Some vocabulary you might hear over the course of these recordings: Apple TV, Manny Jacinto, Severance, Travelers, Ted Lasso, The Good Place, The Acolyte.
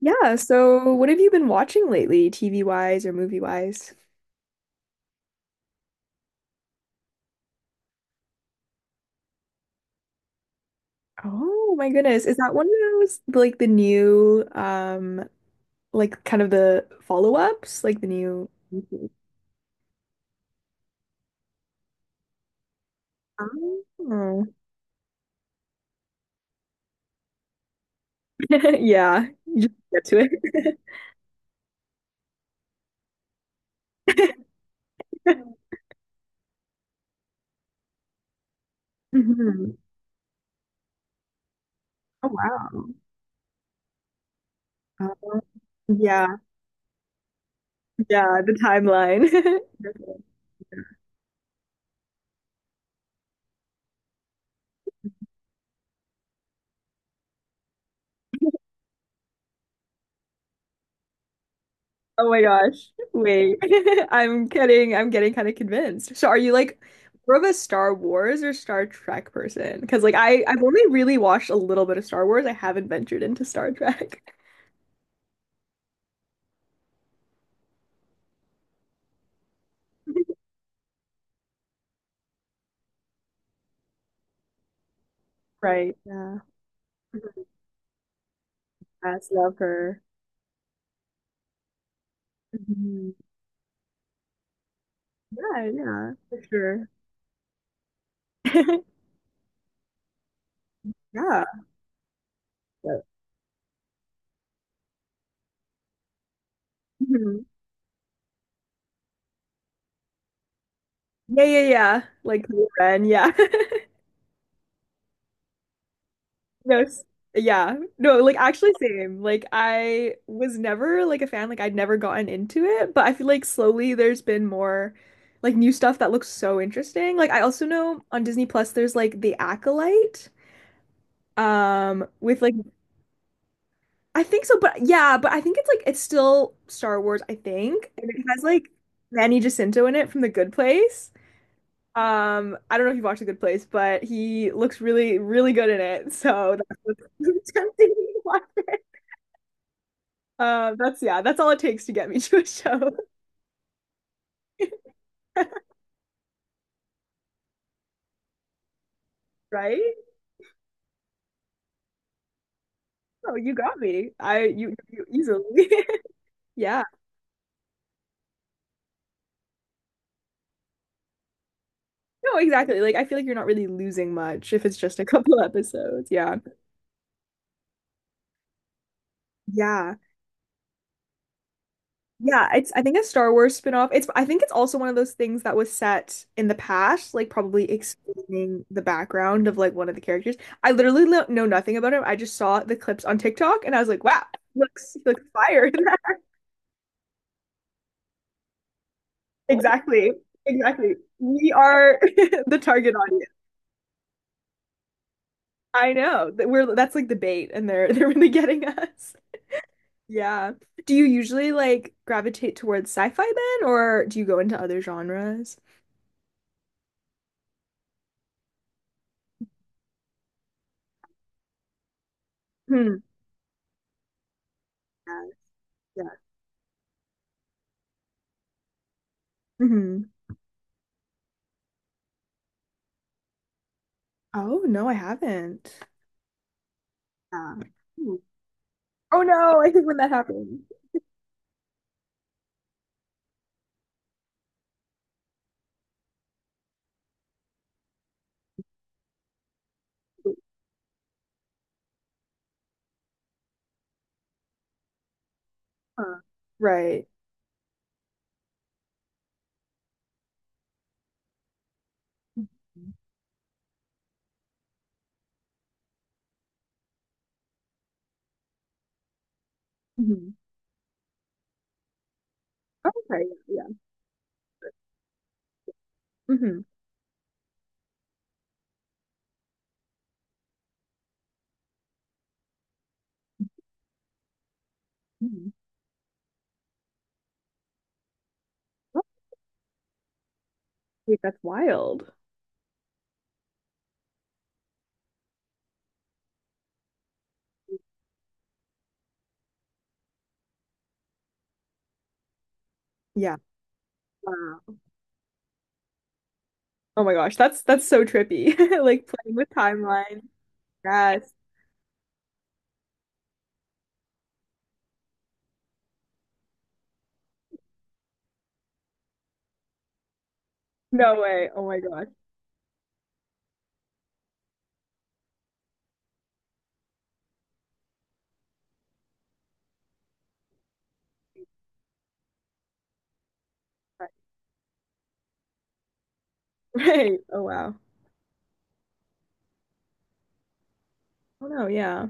Yeah, so what have you been watching lately, TV wise or movie wise? Oh my goodness. Is that one of those like the new like kind of the follow-ups, like the new Oh. Yeah, you just get to it. hmm Oh wow. Um, yeah, yeah, the timeline. Definitely. Oh my gosh. Wait. I'm kidding. I'm getting kind of convinced. So are you like more of a Star Wars or Star Trek person? Because like I've only really watched a little bit of Star Wars. I haven't ventured into Star Trek. Right. Yeah. Yes, love her. Mhm. Yeah, yeah, for sure. Yeah. But- Mhm. Yeah, yeah, yeah. Like Kylo Ren, yeah. Yes. Yeah. No, like actually same. Like I was never like a fan, like I'd never gotten into it, but I feel like slowly there's been more like new stuff that looks so interesting. Like I also know on Disney Plus there's like The Acolyte. With like I think so, but yeah, but I think it's like it's still Star Wars, I think. And it has like Manny Jacinto in it from The Good Place. I don't know if you've watched The Good Place, but he looks really, really good in it. So that's what's tempting me to watch. That's yeah, that's all it takes to get me to a show, right? Oh, you got me. I you, you easily. Yeah. No, exactly. Like I feel like you're not really losing much if it's just a couple episodes. Yeah. Yeah. Yeah, it's I think a Star Wars spin-off. It's I think it's also one of those things that was set in the past, like probably explaining the background of like one of the characters. I literally lo- know nothing about him. I just saw the clips on TikTok and I was like, wow, looks fire." Exactly. Exactly. We are the target audience. I know that we're that's like the bait and they're they're really getting us. Yeah. Do you usually like gravitate towards sci-fi then or do you go into other genres? Hmm. Yeah. Yeah. hmm Oh, no, I haven't. Yeah. Hmm. Oh no, I think when that happens. Huh. Right. hmm Okay. Yeah. hmm hmm Oh, wait, that's wild. Yeah. Wow. Oh my gosh, that's so trippy. Like playing with timelines. Yes. No way. Oh my gosh. Right. Oh wow. Oh no, yeah.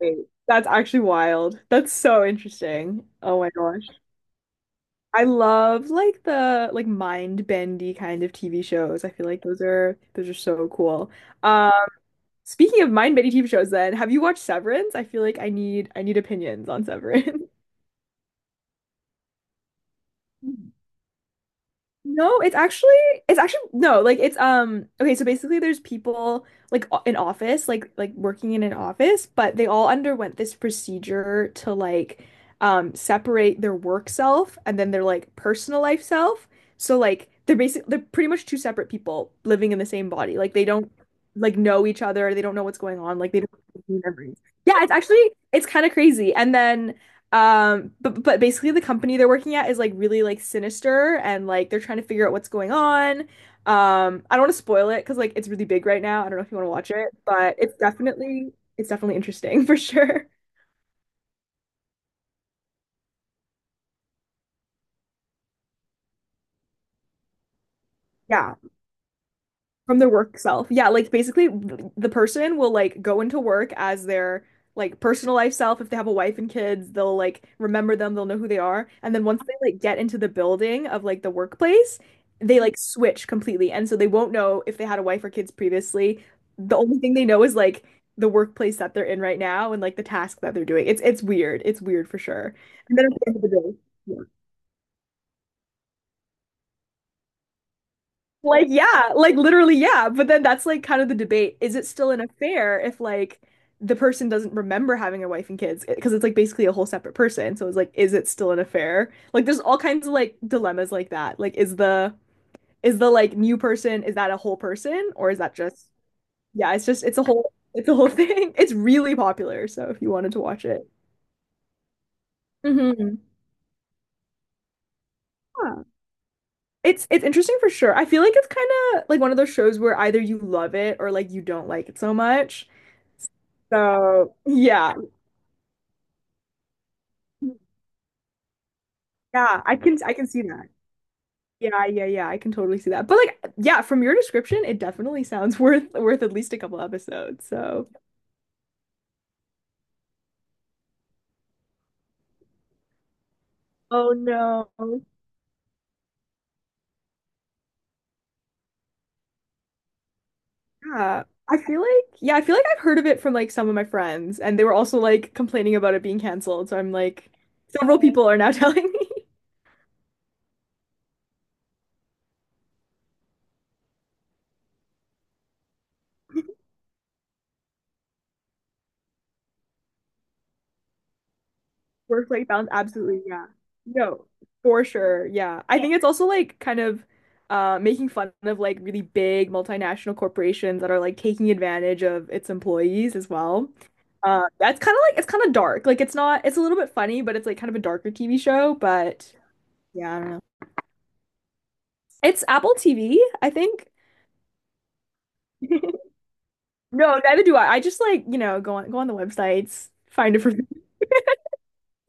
Wait, that's actually wild. That's so interesting. Oh my gosh. I love like the like mind bendy kind of TV shows. I feel like those are so cool. Uh, speaking of mind bendy TV shows then, have you watched Severance? I feel like I need opinions on Severance. No, it's actually no, like it's okay, so basically there's people like o- in office, like working in an office, but they all underwent this procedure to like separate their work self and then their like personal life self. So like they're basic they're pretty much two separate people living in the same body. Like they don't like know each other, they don't know what's going on, like they don't have memories. Yeah, it's actually it's kind of crazy. And then but basically the company they're working at is like really like sinister and like they're trying to figure out what's going on. I don't want to spoil it because like it's really big right now. I don't know if you want to watch it, but it's definitely interesting for sure. Yeah. From their work self. Yeah, like basically th- the person will like go into work as their like personal life self. If they have a wife and kids, they'll like remember them, they'll know who they are. And then once they like get into the building of like the workplace, they like switch completely. And so they won't know if they had a wife or kids previously. The only thing they know is like the workplace that they're in right now and like the task that they're doing. It's weird. It's weird for sure. And then at the end of the day, yeah. Like, yeah, like literally, yeah. But then that's like kind of the debate. Is it still an affair if like the person doesn't remember having a wife and kids? Because it's like basically a whole separate person. So it's like, is it still an affair? Like, there's all kinds of like dilemmas like that. Like, is the like new person, is that a whole person or is that just, yeah, it's just, it's a whole thing. It's really popular. So if you wanted to watch it. Hmm Yeah. It's interesting for sure. I feel like it's kind of like one of those shows where either you love it or like you don't like it so much. So yeah, yeah, I can see that. Yeah, yeah, yeah, I can totally see that. But like, yeah, from your description, it definitely sounds worth at least a couple episodes. So. Oh no. Yeah. I feel like yeah, I feel like I've heard of it from like some of my friends, and they were also like complaining about it being canceled. So I'm like, several people are now telling me. Work life balance, absolutely, yeah. No, for sure, yeah. I think it's also like kind of making fun of like really big multinational corporations that are like taking advantage of its employees as well. That's kind of like it's kind of dark. Like it's not, it's a little bit funny, but it's like kind of a darker TV show. But yeah, I don't know. It's Apple TV, I think. No, neither do I. I just like, you know, go on the websites, find it for free.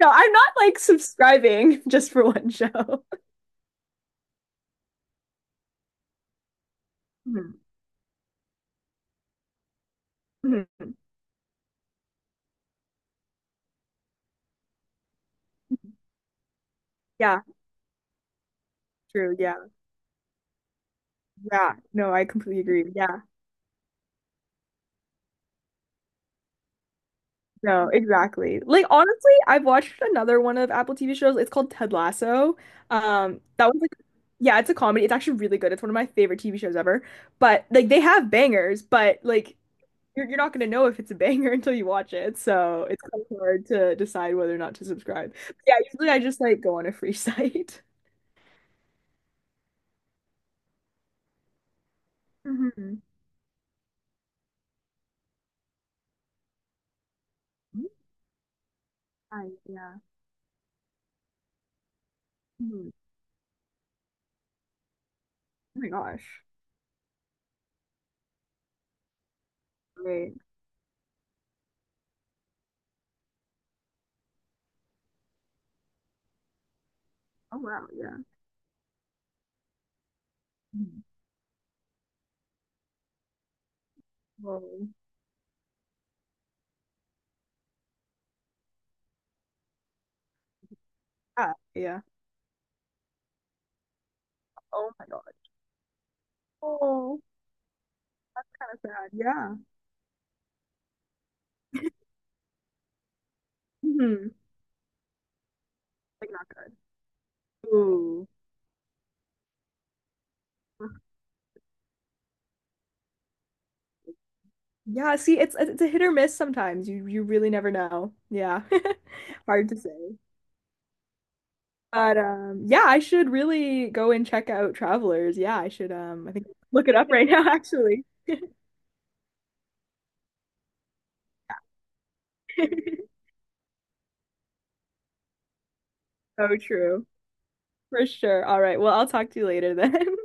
No, I'm not like subscribing just for one show. Mhm. Mhm. Yeah. True. Yeah. Yeah. No, I completely agree. Yeah. No, exactly. Like honestly, I've watched another one of Apple TV shows. It's called Ted Lasso. That was like yeah, it's a comedy. It's actually really good. It's one of my favorite TV shows ever. But like they have bangers, but like you're not gonna know if it's a banger until you watch it. So it's kind of hard to decide whether or not to subscribe. But yeah, usually I just like go on a free site. Hmm I, yeah. Mhm. Oh my gosh. Great. Oh wow, yeah. Mhm. Well, yeah. Yeah. Oh my God. Oh, kind of sad. Yeah. hmm Like not good. Ooh. Yeah, see, it's a hit or miss sometimes. You really never know. Yeah. Hard to say. But yeah, I should really go and check out Travelers. Yeah, I should I think look it up right now actually. So true. For sure. All right. Well, I'll talk to you later then.